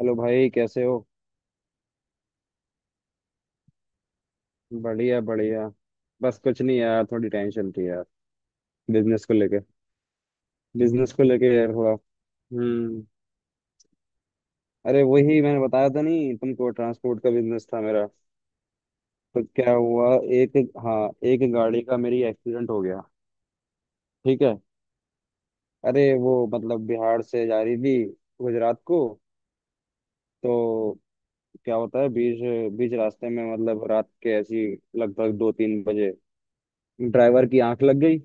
Hello भाई कैसे हो। बढ़िया, बढ़िया। बस कुछ नहीं यार, थोड़ी टेंशन थी यार। बिजनेस को लेके बिजनेस को लेके यार हुआ। हम्म। अरे वही मैंने बताया था नहीं तुमको, ट्रांसपोर्ट का बिजनेस था मेरा। तो क्या हुआ? एक हाँ। एक गाड़ी का मेरी एक्सीडेंट हो गया। ठीक है। अरे वो मतलब बिहार से जा रही थी गुजरात को। तो क्या होता है, बीच बीच रास्ते में मतलब रात के ऐसी लगभग 2-3 बजे ड्राइवर की आंख लग गई।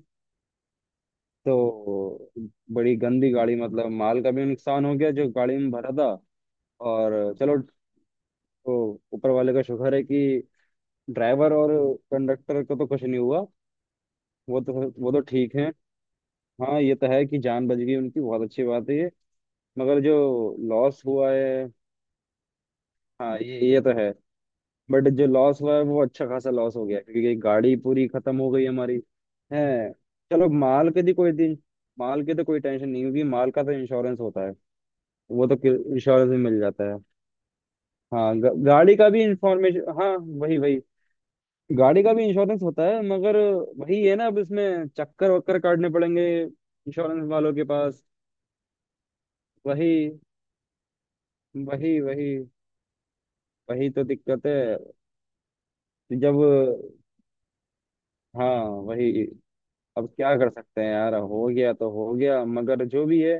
तो बड़ी गंदी गाड़ी, मतलब माल का भी नुकसान हो गया जो गाड़ी में भरा था। और चलो, वो ऊपर वाले का शुक्र है कि ड्राइवर और कंडक्टर को तो कुछ नहीं हुआ। वो तो वो तो ठीक है। हाँ, ये तो है कि जान बच गई उनकी, बहुत अच्छी बात है ये। मगर जो लॉस हुआ है। हाँ, ये तो है। बट जो लॉस हुआ है वो अच्छा खासा लॉस हो गया क्योंकि गाड़ी पूरी खत्म हो गई हमारी। है। चलो, माल की तो कोई टेंशन नहीं होगी, माल का तो इंश्योरेंस होता है। वो तो इंश्योरेंस में मिल जाता है। हाँ, गाड़ी का भी इंफॉर्मेशन, हाँ। वही, वही। गाड़ी का भी इंश्योरेंस होता है मगर वही है ना, अब इसमें चक्कर वक्कर काटने पड़ेंगे इंश्योरेंस वालों के पास। वही, वही, वही, वही तो दिक्कत है। जब, हाँ, वही, अब क्या कर सकते हैं यार, हो गया तो हो गया मगर जो भी है।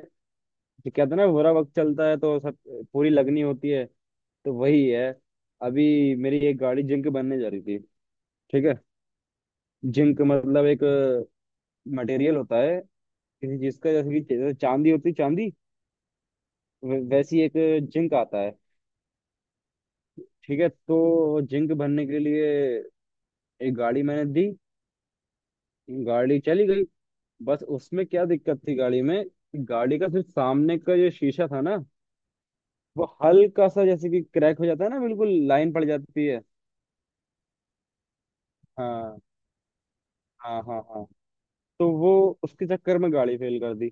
जो कहते हैं ना, बुरा वक्त चलता है तो सब पूरी लगनी होती है, तो वही है। अभी मेरी एक गाड़ी जिंक बनने जा रही थी। ठीक है। जिंक मतलब एक मटेरियल होता है किसी चीज का, जैसे कि चांदी होती है चांदी। वैसी एक जिंक आता है। ठीक है, तो जिंक भरने के लिए एक गाड़ी मैंने दी। गाड़ी चली गई। बस उसमें क्या दिक्कत थी गाड़ी में। गाड़ी का सिर्फ सामने का जो शीशा था ना, वो हल्का सा जैसे कि क्रैक हो जाता है ना, बिल्कुल लाइन पड़ जाती है। हाँ, हाँ, हाँ, हाँ। तो वो उसके चक्कर में गाड़ी फेल कर दी।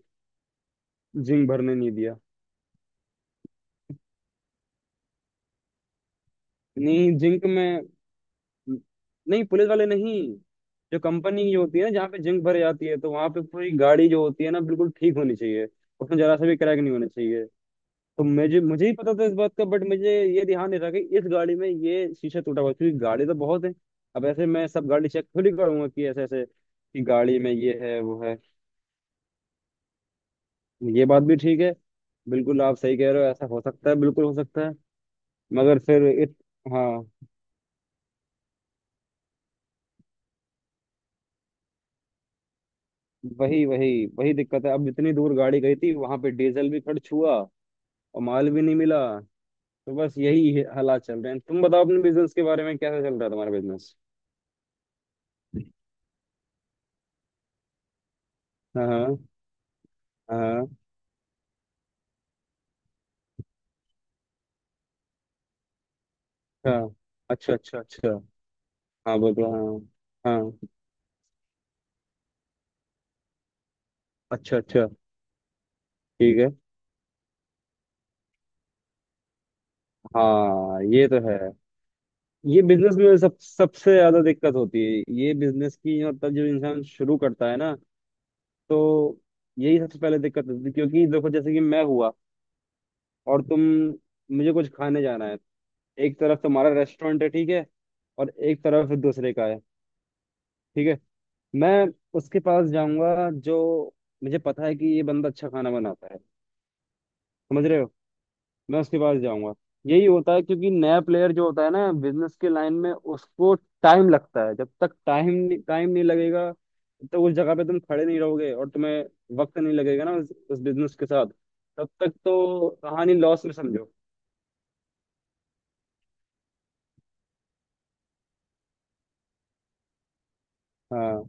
जिंक भरने नहीं दिया। नहीं, जिंक में। नहीं, पुलिस वाले नहीं। जो कंपनी की होती है ना, जहाँ पे जिंक भर जाती है, तो वहां पे पूरी गाड़ी जो होती है ना, बिल्कुल ठीक होनी चाहिए। उसमें जरा सा भी क्रैक नहीं होना चाहिए। तो मुझे मुझे ही पता था इस बात का, बट मुझे ये ध्यान नहीं रहा कि इस गाड़ी में ये शीशा टूटा हुआ है क्योंकि गाड़ी तो बहुत है। अब ऐसे मैं सब गाड़ी चेक थोड़ी करूंगा कि ऐसे ऐसे कि गाड़ी में ये है वो है। ये बात भी ठीक है। बिल्कुल आप सही कह रहे हो, ऐसा हो सकता है, बिल्कुल हो सकता है। मगर फिर हाँ, वही, वही, वही दिक्कत है। अब इतनी दूर गाड़ी गई थी, वहां पे डीजल भी खर्च हुआ और माल भी नहीं मिला। तो बस यही है, हालात चल रहे हैं। तुम बताओ अपने बिजनेस के बारे में, कैसा चल रहा है तुम्हारा बिजनेस? हाँ, हाँ, हाँ, हाँ, अच्छा, अच्छा, अच्छा। हाँ, बोलो, हाँ। हाँ, अच्छा, अच्छा, ठीक है। हाँ, ये तो है। ये बिजनेस में सब सबसे ज्यादा दिक्कत होती है, ये बिजनेस की मतलब जो इंसान शुरू करता है ना, तो यही सबसे पहले दिक्कत होती है क्योंकि देखो जैसे कि मैं हुआ और तुम। मुझे कुछ खाने जाना है। एक तरफ तुम्हारा रेस्टोरेंट है, ठीक है, और एक तरफ दूसरे का है। ठीक है। मैं उसके पास जाऊंगा जो मुझे पता है कि ये बंदा अच्छा खाना बनाता है। समझ रहे हो? मैं उसके पास जाऊंगा। यही होता है क्योंकि नया प्लेयर जो होता है ना बिजनेस के लाइन में, उसको टाइम लगता है। जब तक टाइम टाइम नहीं लगेगा, तो उस जगह पे तुम खड़े नहीं रहोगे और तुम्हें वक्त नहीं लगेगा ना उस बिजनेस के साथ, तब तक तो कहानी लॉस में समझो। हाँ,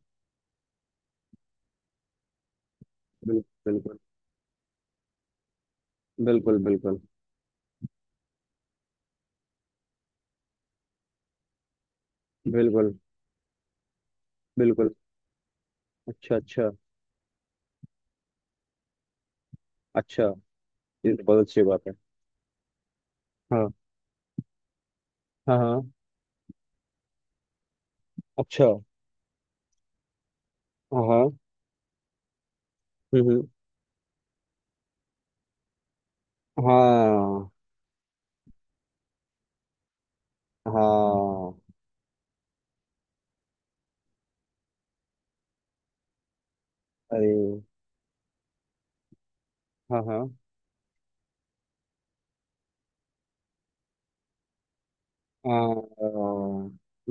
बिल्कुल, बिल्कुल, बिल्कुल, बिल्कुल, बिल्कुल, अच्छा, अच्छा, अच्छा। ये तो बहुत अच्छी बात है। हाँ, हाँ, हाँ। अच्छा। हाँ, हम्म, हाँ, हाँ, अरे, हाँ, हाँ, हाँ।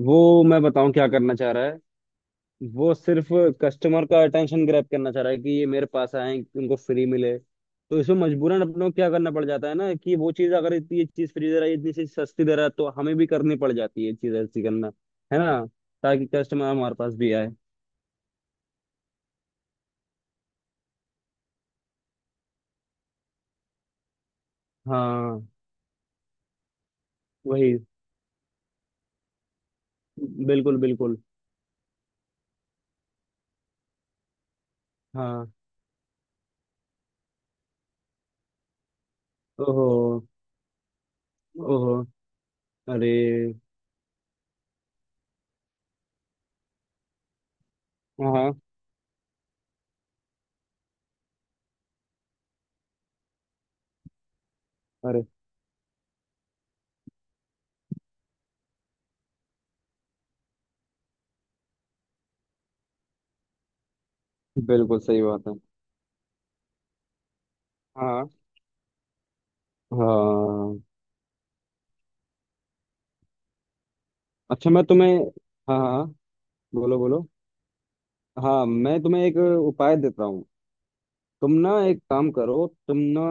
वो मैं बताऊं क्या करना चाह रहा है। वो सिर्फ कस्टमर का अटेंशन ग्रैब करना चाह रहा है कि ये मेरे पास आए उनको फ्री मिले, तो इसमें मजबूरन अपने को क्या करना पड़ जाता है ना कि वो चीज अगर इतनी, ये चीज फ्री दे रहा है, इतनी चीज सस्ती दे रहा है, तो हमें भी करनी पड़ जाती है ये चीज ऐसी करना, है ना, ताकि कस्टमर हमारे पास भी आए। हाँ, वही, बिल्कुल, बिल्कुल, हाँ, ओहो, ओहो, अरे, हाँ, हाँ, अरे बिल्कुल सही बात है, हाँ, हाँ, अच्छा, मैं तुम्हें, हाँ, हाँ, हाँ। बोलो, बोलो। हाँ, मैं तुम्हें एक उपाय देता हूँ। तुम ना एक काम करो, तुम ना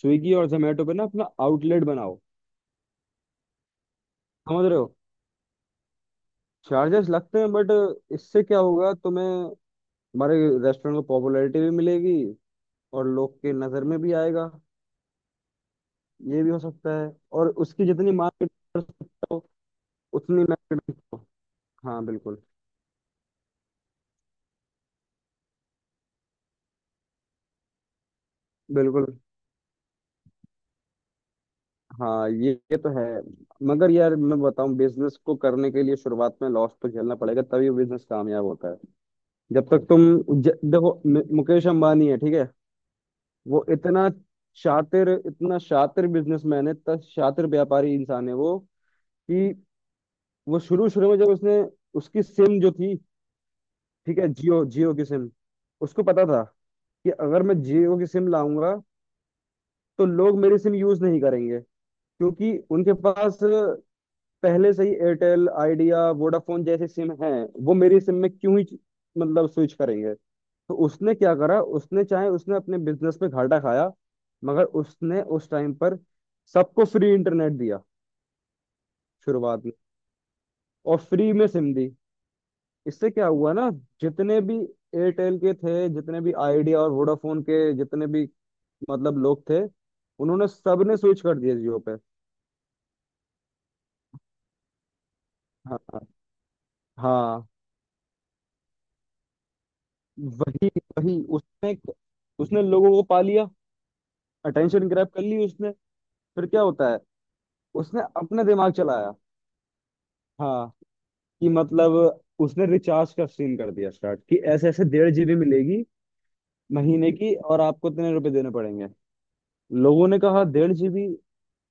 स्विगी और जोमेटो पे ना अपना आउटलेट बनाओ। समझ रहे हो? चार्जेस लगते हैं बट इससे क्या होगा तुम्हें, हमारे रेस्टोरेंट को पॉपुलैरिटी भी मिलेगी और लोग के नज़र में भी आएगा, ये भी हो सकता है, और उसकी जितनी मार्केट कर सकते हो उतनी मार्केट। हाँ, बिल्कुल, बिल्कुल। हाँ, ये तो है। मगर यार मैं बताऊं, बिजनेस को करने के लिए शुरुआत में लॉस तो झेलना पड़ेगा तभी वो बिजनेस कामयाब होता है। जब तक तुम देखो मुकेश अंबानी है, ठीक है। वो इतना शातिर, इतना शातिर बिजनेसमैन है, इतना शातिर व्यापारी इंसान है वो कि वो शुरू शुरू में जब उसने उसकी सिम जो थी, ठीक है, जियो जियो की सिम। उसको पता था कि अगर मैं जियो की सिम लाऊंगा तो लोग मेरी सिम यूज नहीं करेंगे क्योंकि उनके पास पहले से ही एयरटेल, आइडिया, वोडाफोन जैसे सिम हैं। वो मेरी सिम में क्यों ही मतलब स्विच करेंगे, तो उसने क्या करा, उसने चाहे उसने अपने बिजनेस में घाटा खाया मगर उसने उस टाइम पर सबको फ्री इंटरनेट दिया शुरुआत में, और फ्री में सिम दी। इससे क्या हुआ ना, जितने भी एयरटेल के थे, जितने भी आइडिया और वोडाफोन के, जितने भी मतलब लोग थे, उन्होंने सबने स्विच कर दिया जियो पे। हाँ, हाँ, वही, वही, उसने उसने लोगों को पा लिया, अटेंशन ग्रैब कर ली उसने। फिर क्या होता है, उसने अपना दिमाग चलाया। हाँ। कि मतलब उसने रिचार्ज का सीन कर दिया स्टार्ट कि ऐसे ऐसे 1.5 GB मिलेगी महीने की, और आपको इतने रुपए देने पड़ेंगे। लोगों ने कहा 1.5 GB,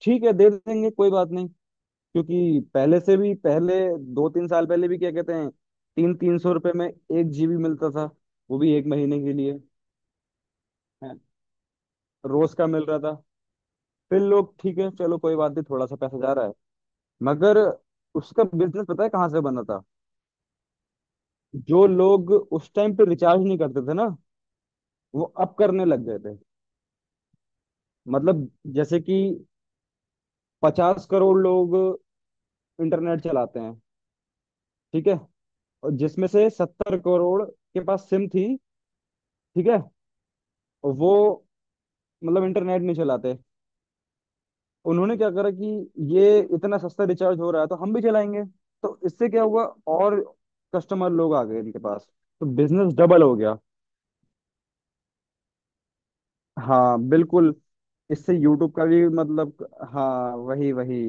ठीक है, दे देंगे कोई बात नहीं। क्योंकि पहले से भी पहले दो तीन साल पहले भी क्या कहते हैं, तीन तीन सौ रुपये में 1 GB मिलता था, वो भी एक महीने के लिए। हैं, रोज का मिल रहा था। फिर लोग, ठीक है, चलो, कोई बात नहीं, थोड़ा सा पैसा जा रहा है, मगर उसका बिजनेस पता है कहाँ से बना था? जो लोग उस टाइम पे रिचार्ज नहीं करते थे ना, वो अब करने लग गए थे। मतलब जैसे कि 50 करोड़ लोग इंटरनेट चलाते हैं, ठीक है, और जिसमें से 70 करोड़ के पास सिम थी, ठीक है। और वो मतलब इंटरनेट नहीं चलाते, उन्होंने क्या करा कि ये इतना सस्ता रिचार्ज हो रहा है तो हम भी चलाएंगे, तो इससे क्या हुआ, और कस्टमर लोग आ गए इनके पास, तो बिजनेस डबल हो गया। हाँ बिल्कुल, इससे यूट्यूब का भी मतलब, हाँ, वही, वही,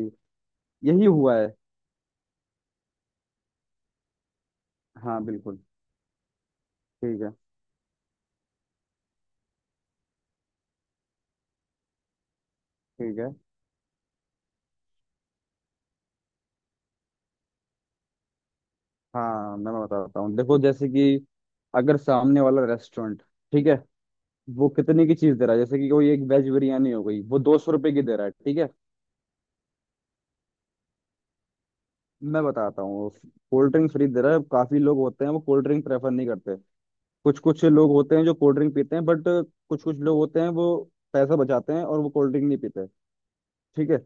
यही हुआ है। हाँ, बिल्कुल, ठीक है, ठीक है। हाँ, मैं बताता हूँ, देखो जैसे कि अगर सामने वाला रेस्टोरेंट, ठीक है, वो कितने की चीज दे रहा है, जैसे कि कोई एक वेज बिरयानी हो गई वो 200 रुपए की दे रहा है, ठीक है। मैं बताता हूँ, कोल्ड ड्रिंक फ्री दे रहा है, काफी लोग होते हैं वो कोल्ड ड्रिंक प्रेफर नहीं करते। कुछ कुछ लोग होते हैं जो कोल्ड ड्रिंक पीते हैं बट कुछ कुछ लोग होते हैं वो पैसा बचाते हैं और वो कोल्ड ड्रिंक नहीं पीते। ठीक है,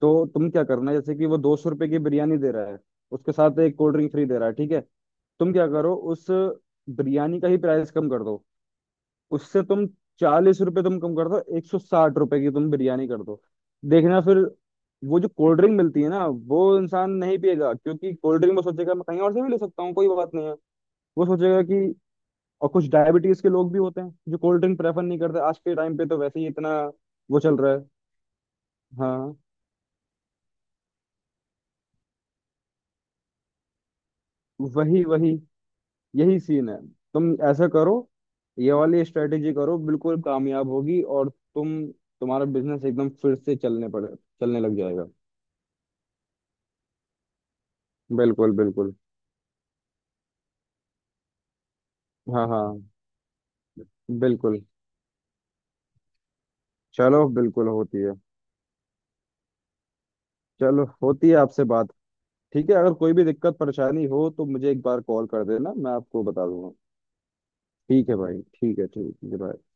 तो तुम क्या करना, जैसे कि वो 200 रुपए की बिरयानी दे रहा है, उसके साथ एक कोल्ड ड्रिंक फ्री दे रहा है, ठीक है। तुम क्या करो, उस बिरयानी का ही प्राइस कम कर दो, उससे तुम 40 रुपए तुम कम कर दो, 160 रुपए की तुम बिरयानी कर दो। देखना फिर, वो जो कोल्ड ड्रिंक मिलती है ना वो इंसान नहीं पिएगा, क्योंकि कोल्ड ड्रिंक वो सोचेगा मैं कहीं और से भी ले सकता हूँ कोई बात नहीं है। वो सोचेगा कि, और कुछ डायबिटीज के लोग भी होते हैं जो कोल्ड ड्रिंक प्रेफर नहीं करते आज के टाइम पे, तो वैसे ही इतना वो चल रहा है। हाँ, वही, वही, यही सीन है। तुम ऐसा करो, ये वाली स्ट्रेटेजी करो, बिल्कुल कामयाब होगी और तुम तुम्हारा बिजनेस एकदम फिर से चलने लग जाएगा। बिल्कुल, बिल्कुल। हाँ, हाँ, बिल्कुल। चलो, बिल्कुल होती है। चलो, होती है आपसे बात, ठीक है, अगर कोई भी दिक्कत परेशानी हो तो मुझे एक बार कॉल कर देना, मैं आपको बता दूंगा। ठीक है भाई, ठीक है, ठीक है भाई।